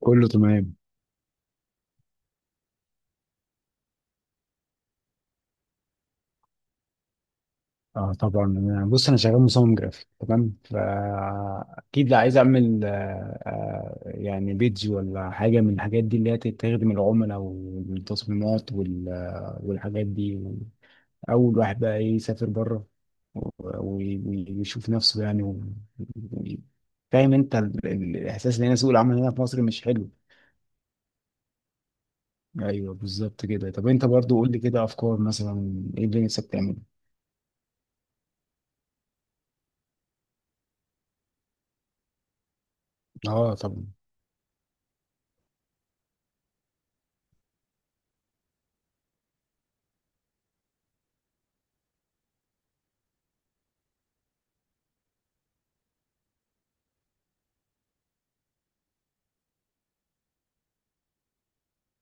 كله تمام. اه طبعا. بص انا شغال مصمم جرافيك، تمام؟ فاكيد لا، عايز اعمل يعني بيدج ولا حاجه من الحاجات دي اللي هي تخدم العملاء والتصميمات والحاجات دي. اول واحد بقى إيه؟ يسافر بره و- و- ويشوف نفسه، يعني، و- فاهم انت؟ الاحساس اللي هنا، سوق العمل هنا في مصر مش حلو. ايوه بالظبط كده. طب انت برضو قول لي كده افكار، مثلا ايه اللي نفسك تعمله؟ اه طبعا.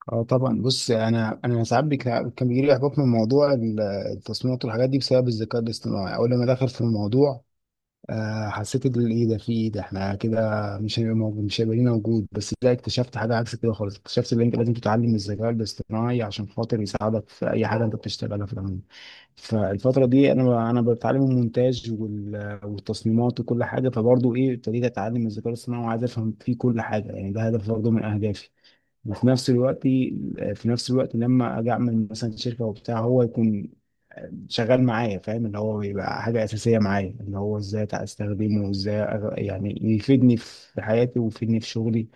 اه طبعا. بص انا ساعات كان بيجي لي احباط من موضوع التصميمات والحاجات دي بسبب الذكاء الاصطناعي، اول لما دخل في الموضوع. حسيت ان ايه ده، في ايه ده، احنا كده مش هيبقى موجود، مش هيبقى لينا وجود. بس لا، اكتشفت حاجه عكس كده خالص. اكتشفت ان انت لازم تتعلم الذكاء الاصطناعي عشان خاطر يساعدك في اي حاجه انت بتشتغلها في العموم. فالفتره دي انا بتعلم المونتاج والتصميمات وكل حاجه، فبرضه ايه ابتديت اتعلم الذكاء الاصطناعي وعايز افهم فيه كل حاجه. يعني ده هدف برضه من اهدافي. وفي نفس الوقت، في نفس الوقت لما اجي اعمل مثلا شركه وبتاع، هو يكون شغال معايا، فاهم؟ اللي هو بيبقى حاجه اساسيه معايا، اللي هو ازاي استخدمه وازاي يعني يفيدني في حياتي ويفيدني في شغلي.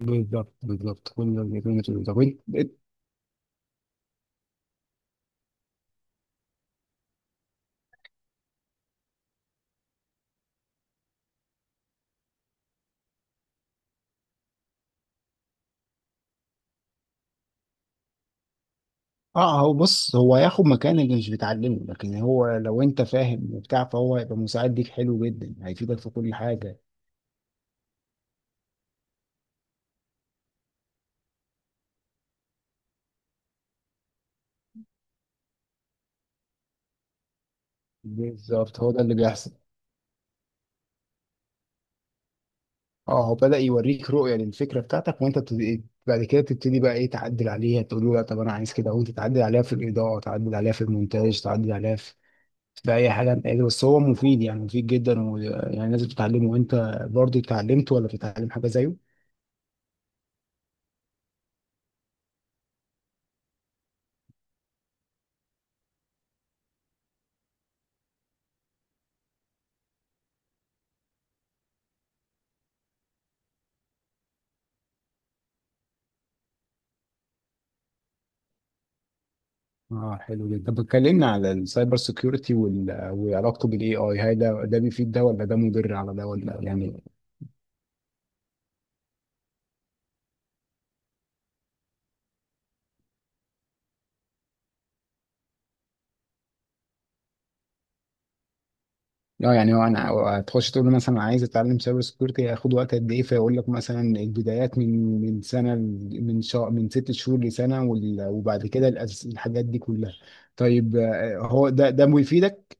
بالظبط بالظبط، كل اللي بتقوله ده. وإنت- اه هو، بص، هو هياخد مكان اللي مش بتعلمه، لكن هو لو انت فاهم وبتاع، فهو هيبقى مساعد ليك حلو جدا، هيفيدك في كل حاجه. بالظبط، هو ده اللي بيحصل. اه، هو بدأ يوريك رؤية للفكرة بتاعتك، وانت بعد كده تبتدي بقى ايه، تعدل عليها، تقول له لا طب انا عايز كده، وانت تعدل عليها في الإضاءة، تعدل عليها في المونتاج، تعدل عليها في في اي حاجة انت قادر. بس هو مفيد، يعني مفيد جدا، ويعني لازم تتعلمه. وانت برضه اتعلمت ولا بتتعلم حاجة زيه؟ اه حلو جدا. طب اتكلمنا على السايبر سيكيورتي وال... وعلاقته بالاي اي، هل ده ده بيفيد ده ولا ده مضر على ده، ولا يعني؟ اه يعني هو، انا تخش تقول له مثلا أنا عايز اتعلم سايبر سكيورتي هياخد وقت قد ايه، فيقول لك مثلا البدايات من سنه من شهر، من 6 شهور لسنه، وبعد كده الحاجات دي كلها. طيب هو ده ده بيفيدك؟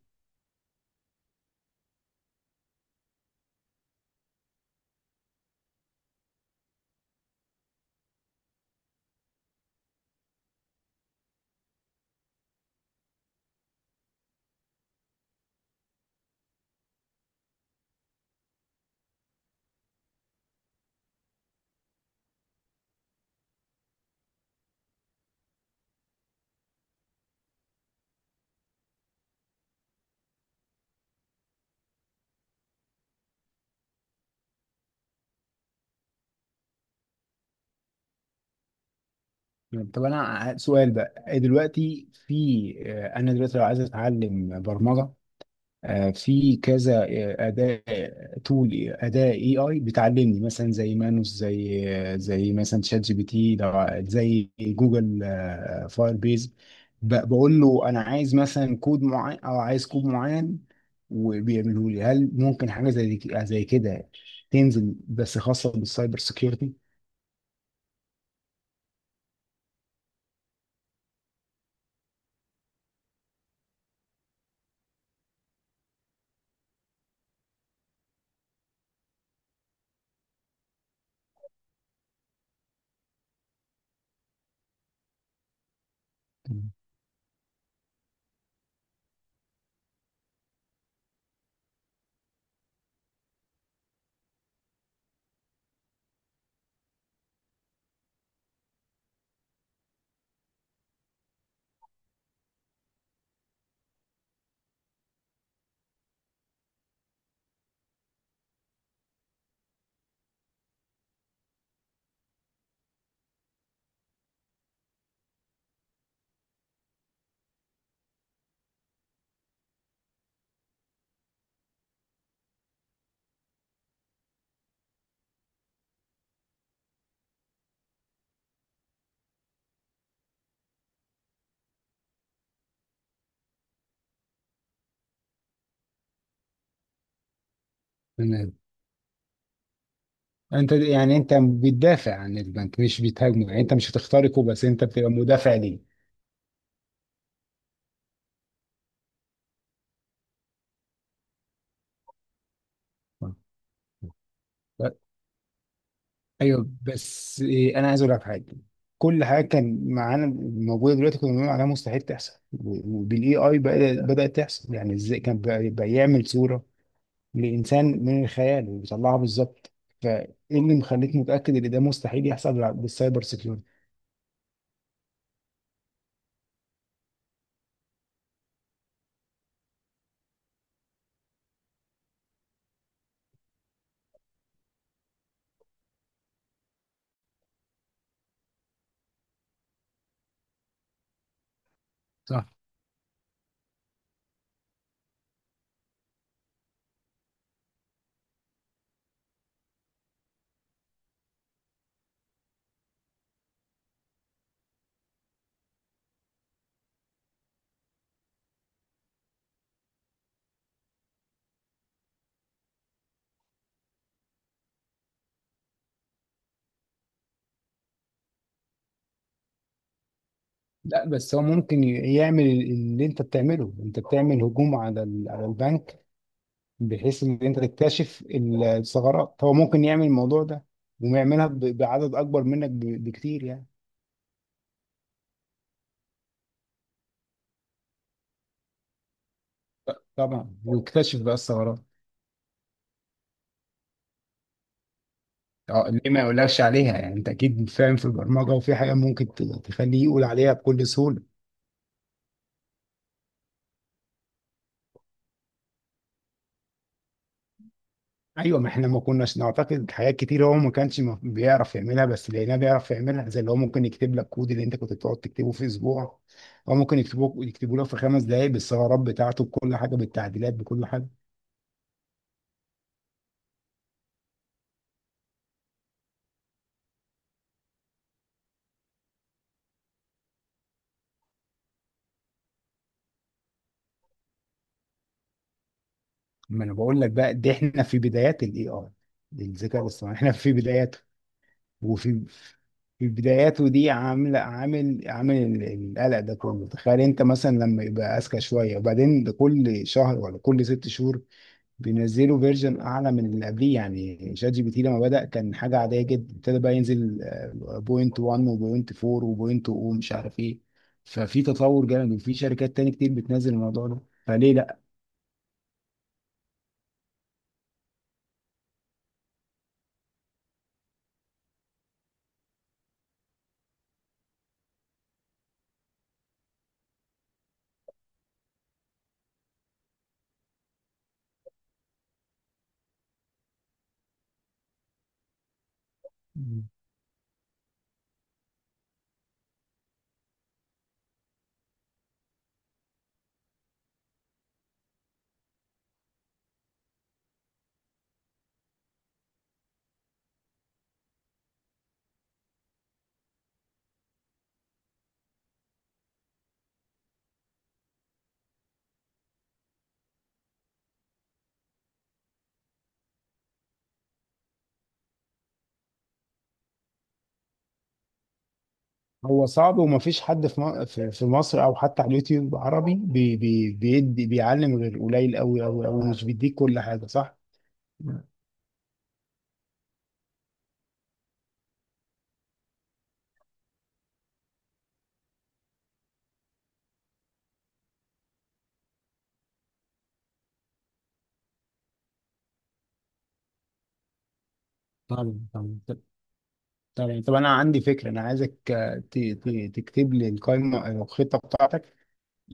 طب انا سؤال بقى دلوقتي. في انا دلوقتي لو عايز اتعلم برمجه، في كذا اداة، تول اداة اي اي بتعلمني، مثلا زي مانوس، زي زي مثلا شات جي بي تي، زي جوجل فاير بيز، بقول له انا عايز مثلا كود معين او عايز كود معين وبيعمله لي. هل ممكن حاجة زي زي كده تنزل بس خاصة بالسايبر سيكيورتي؟ تمام. انت يعني انت بتدافع عن البنك مش بتهاجمه؟ يعني انت مش هتخترقه، بس انت بتبقى مدافع ليه. ايوه بس انا عايز اقول لك حاجه. كل حاجه كان معانا موجوده دلوقتي كنا بنقول عليها مستحيل تحصل، وبالاي اي بدات تحصل. يعني ازاي كان بقى يعمل صوره لانسان من الخيال ويطلعها بالظبط؟ فايه اللي مخليك متاكد ان ده مستحيل يحصل بالسايبر سيكيورتي؟ صح. لا بس هو ممكن يعمل اللي انت بتعمله. انت بتعمل هجوم على على البنك بحيث ان انت تكتشف الثغرات، هو ممكن يعمل الموضوع ده ويعملها بعدد اكبر منك بكتير، يعني. طبعا، ويكتشف بقى الثغرات. اه ليه ما يقولكش عليها؟ يعني انت اكيد فاهم في البرمجه وفي حاجه ممكن تخليه يقول عليها بكل سهوله. ايوه، ما احنا ما كناش نعتقد حاجات كتير هو ما كانش بيعرف يعملها، بس لقيناه بيعرف يعملها. زي اللي هو ممكن يكتب لك كود اللي انت كنت بتقعد تكتبه في اسبوع، هو ممكن يكتبه لك في 5 دقائق بالثغرات بتاعته، بكل حاجه، بالتعديلات، بكل حاجه. ما انا بقول لك بقى، دي احنا في بدايات الاي اي، الذكاء الاصطناعي احنا في بداياته. وفي في بداياته دي عامل عامل عامل القلق ده كله. تخيل انت مثلا لما يبقى اذكى شويه، وبعدين ده كل شهر ولا كل 6 شهور بينزلوا فيرجن اعلى من اللي قبليه. يعني شات جي بي تي لما بدا كان حاجه عاديه جدا، ابتدى بقى ينزل بوينت 1 وبوينت 4 وبوينت 0 ومش عارف ايه. ففي تطور جامد وفي شركات تاني كتير بتنزل الموضوع ده. فليه؟ لا، هو صعب ومفيش حد في م- في في مصر او حتى على اليوتيوب عربي بي بي بيدي بيعلم غير قليل قوي قوي قوي، مش بيديك كل حاجه، صح؟ طبعا، طبعا. طب انا عندي فكره. انا عايزك تكتب لي القائمه أو الخطه بتاعتك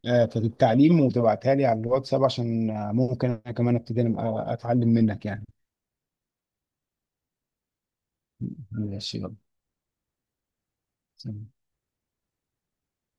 في التعليم، وتبعتها لي على الواتساب، عشان ممكن انا كمان ابتدي أنا اتعلم منك، يعني. ماشي. يلا.